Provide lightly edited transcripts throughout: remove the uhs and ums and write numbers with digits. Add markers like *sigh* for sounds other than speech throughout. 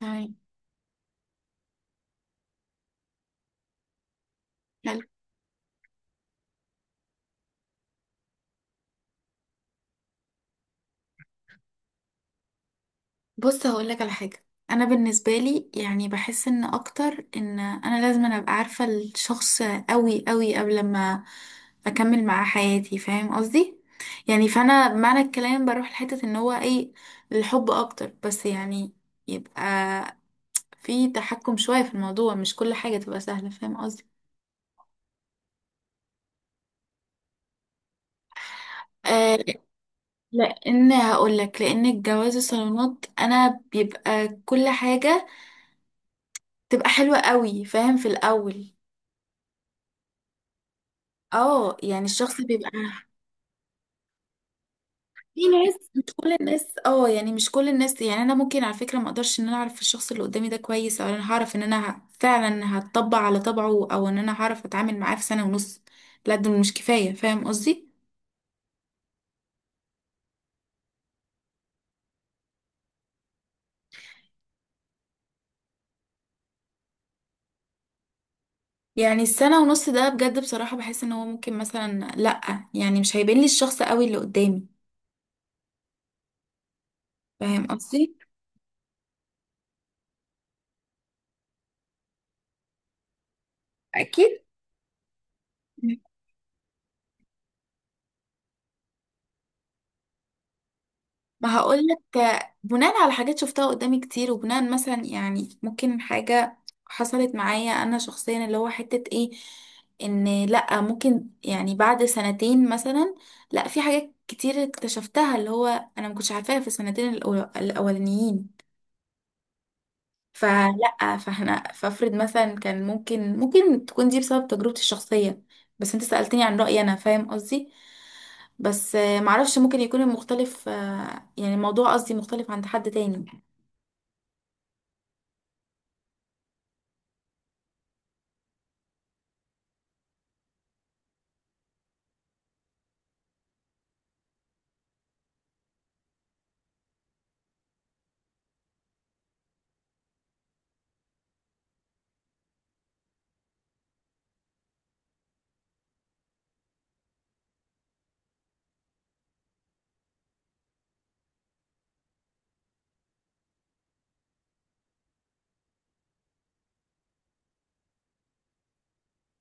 تمام. حلو. بص، هقول لك على حاجه. انا بالنسبه لي يعني بحس ان اكتر ان انا لازم ابقى عارفه الشخص قوي قوي قبل ما اكمل معاه حياتي، فاهم قصدي؟ يعني فانا بمعنى الكلام بروح لحته ان هو ايه، الحب اكتر، بس يعني يبقى في تحكم شويه في الموضوع، مش كل حاجه تبقى سهله، فاهم قصدي؟ آه لان هقول لك، لان الجواز الصالونات انا بيبقى كل حاجه تبقى حلوة قوي، فاهم، في الأول. اه يعني الشخص بيبقى في ناس، مش كل الناس، اه يعني مش كل الناس. يعني انا ممكن على فكره ما اقدرش ان انا اعرف الشخص اللي قدامي ده كويس، او انا هعرف ان انا فعلا هتطبع على طبعه، او ان انا هعرف اتعامل معاه في سنه ونص. لا، دول مش كفايه، فاهم قصدي؟ يعني السنه ونص ده بجد بصراحه بحس ان هو ممكن مثلا لا، يعني مش هيبين لي الشخص قوي اللي قدامي، فاهم قصدي؟ اكيد. ما هقولك آه، بناء على حاجات شفتها قدامي كتير، وبناء مثلا يعني ممكن حاجة حصلت معايا انا شخصيا اللي هو حتة ايه، ان لا ممكن يعني بعد سنتين مثلا، لا في حاجات كتير اكتشفتها اللي هو انا ما كنتش عارفاها في السنتين الاولانيين. فلا فاحنا فافرض مثلا كان ممكن، تكون دي بسبب تجربتي الشخصية، بس انت سألتني عن رأيي انا، فاهم قصدي؟ بس آه، معرفش ممكن يكون المختلف آه، يعني الموضوع قصدي مختلف عند حد تاني.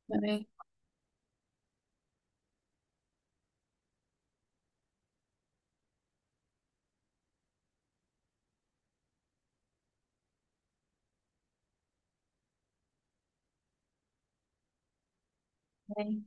تمام. تمام.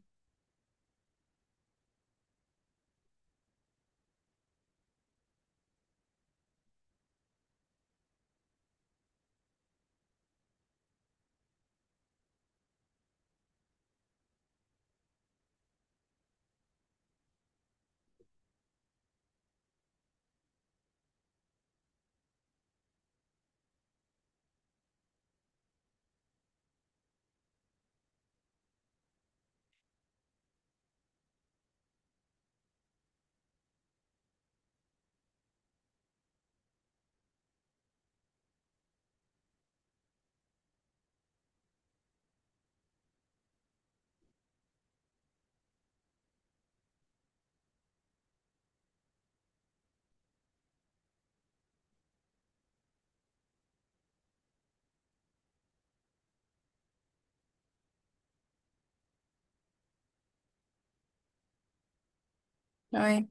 تمام.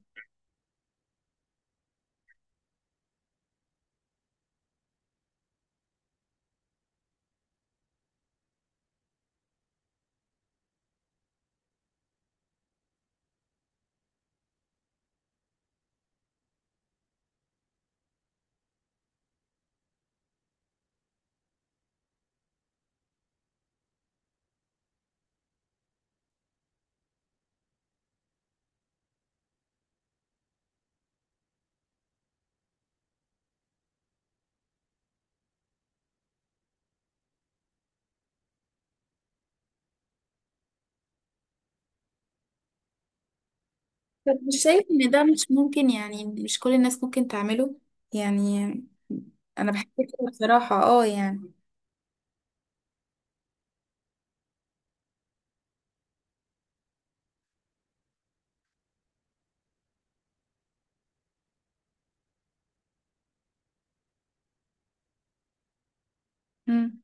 بس مش شايف ان ده مش ممكن؟ يعني مش كل الناس ممكن تعمله. يعني انا بحب كده بصراحة، اه يعني. مم.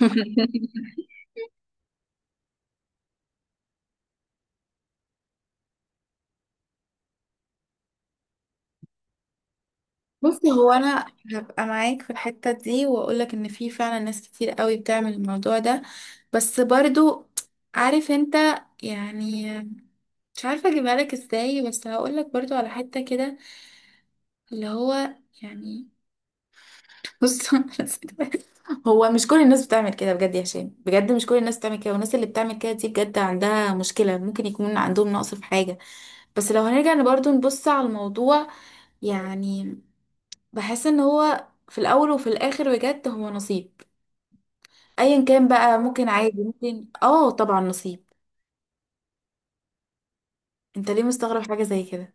*laughs* بصي، هو انا هبقى معاك في الحتة دي واقولك ان في فعلا ناس كتير قوي بتعمل الموضوع ده، بس برضو عارف انت، يعني مش عارفة اجيبها لك ازاي، بس هقولك برضو على حتة كده اللي هو يعني، بص. *laughs* هو مش كل الناس بتعمل كده بجد يا هشام، بجد مش كل الناس بتعمل كده، والناس اللي بتعمل كده دي بجد عندها مشكلة، ممكن يكون عندهم نقص في حاجة. بس لو هنرجع برضو نبص على الموضوع، يعني بحس ان هو في الاول وفي الاخر بجد هو نصيب، ايا كان بقى. ممكن عادي، ممكن، اه طبعا نصيب. انت ليه مستغرب حاجة زي كده؟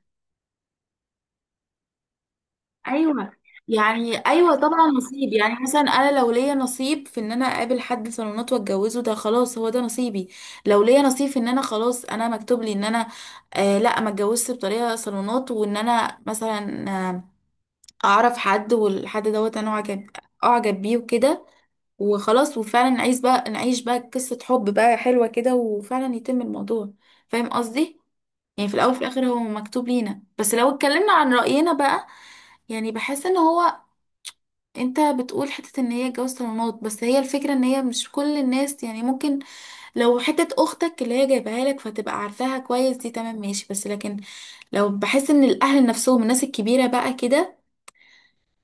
ايوه. يعني ايوه طبعا نصيب. يعني مثلا انا لو ليا نصيب في ان انا اقابل حد صالونات واتجوزه، ده خلاص هو ده نصيبي. لو ليا نصيب في ان انا خلاص انا مكتوب لي ان انا آه لا ما اتجوزش بطريقه صالونات، وان انا مثلا آه اعرف حد والحد دوت انا اعجب، اعجب بيه وكده، وخلاص، وفعلا نعيش بقى، نعيش بقى قصه حب بقى حلوه كده، وفعلا يتم الموضوع، فاهم قصدي؟ يعني في الاول وفي الاخر هو مكتوب لينا، بس لو اتكلمنا عن راينا بقى، يعني بحس ان هو، انت بتقول حته ان هي جواز صالونات، بس هي الفكره ان هي مش كل الناس. يعني ممكن لو حته اختك اللي هي جايبها لك فتبقى عارفاها كويس، دي تمام ماشي، بس لكن لو بحس ان الاهل نفسهم، الناس الكبيره بقى كده،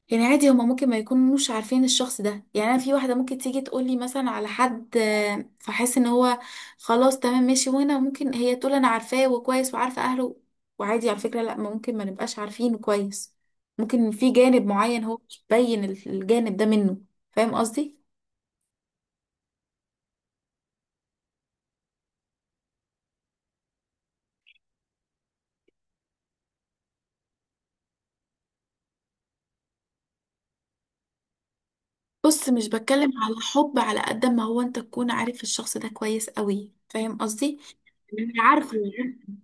يعني عادي هما ممكن ما يكونوش عارفين الشخص ده. يعني انا في واحده ممكن تيجي تقولي مثلا على حد آه، فاحس ان هو خلاص تمام ماشي، وانا ممكن هي تقول انا عارفاه وكويس وعارفه اهله، وعادي على فكره لا، ما ممكن ما نبقاش عارفينه كويس، ممكن في جانب معين هو مش باين الجانب ده منه، فاهم قصدي؟ بص، مش بتكلم على حب على قد ما هو انت تكون عارف الشخص ده كويس قوي، فاهم قصدي؟ يعني عارفه يعني.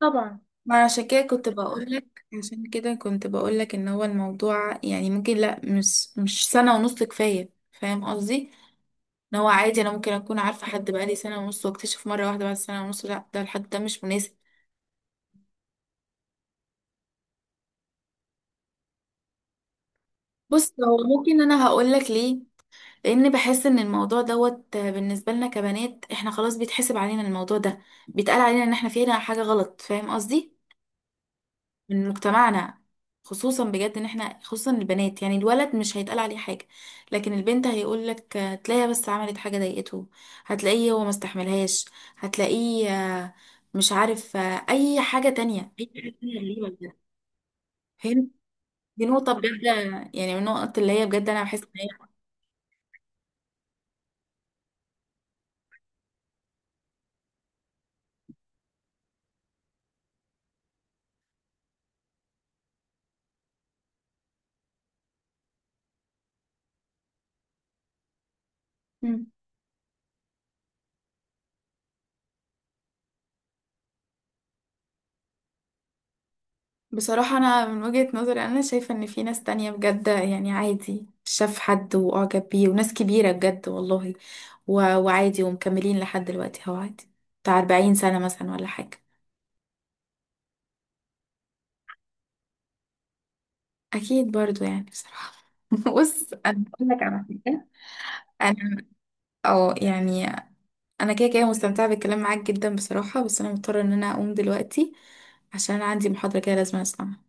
طبعا. ما عشان كده كنت بقولك، عشان كده كنت بقولك ان هو الموضوع يعني ممكن لا، مش سنة ونص كفاية، فاهم قصدي؟ ان هو عادي انا ممكن اكون عارفة حد بقالي سنة ونص واكتشف مرة واحدة بعد سنة ونص لا، ده الحد ده مش مناسب. بص، هو ممكن انا هقولك ليه، لان بحس ان الموضوع دوت بالنسبة لنا كبنات، احنا خلاص بيتحسب علينا الموضوع ده، بيتقال علينا ان احنا فينا حاجة غلط، فاهم قصدي؟ من مجتمعنا، خصوصا بجد ان احنا خصوصا البنات. يعني الولد مش هيتقال عليه حاجة، لكن البنت هيقول لك هتلاقيها بس عملت حاجة ضايقته، هتلاقيه هو ما استحملهاش، هتلاقيه آه، مش عارف آه، اي حاجة تانية، اي حاجة تانية غريبة بجد. فهمت. دي نقطة بجد، يعني من النقط اللي هي بجد انا بحس ان هي. مم. بصراحة أنا من وجهة نظري أنا شايفة إن في ناس تانية بجد، يعني عادي شاف حد وأعجب بيه، وناس كبيرة بجد والله، وعادي ومكملين لحد دلوقتي، هو عادي، بتاع 40 سنة مثلا ولا حاجة. أكيد برضو يعني بصراحة. *laughs* بص، أنا بقول لك على حاجة، أنا أه يعني أنا كده كده مستمتعة بالكلام معاك جدا بصراحة، بس أنا مضطرة إن أنا أقوم دلوقتي، عشان أنا عندي محاضرة كده لازم أسمعها.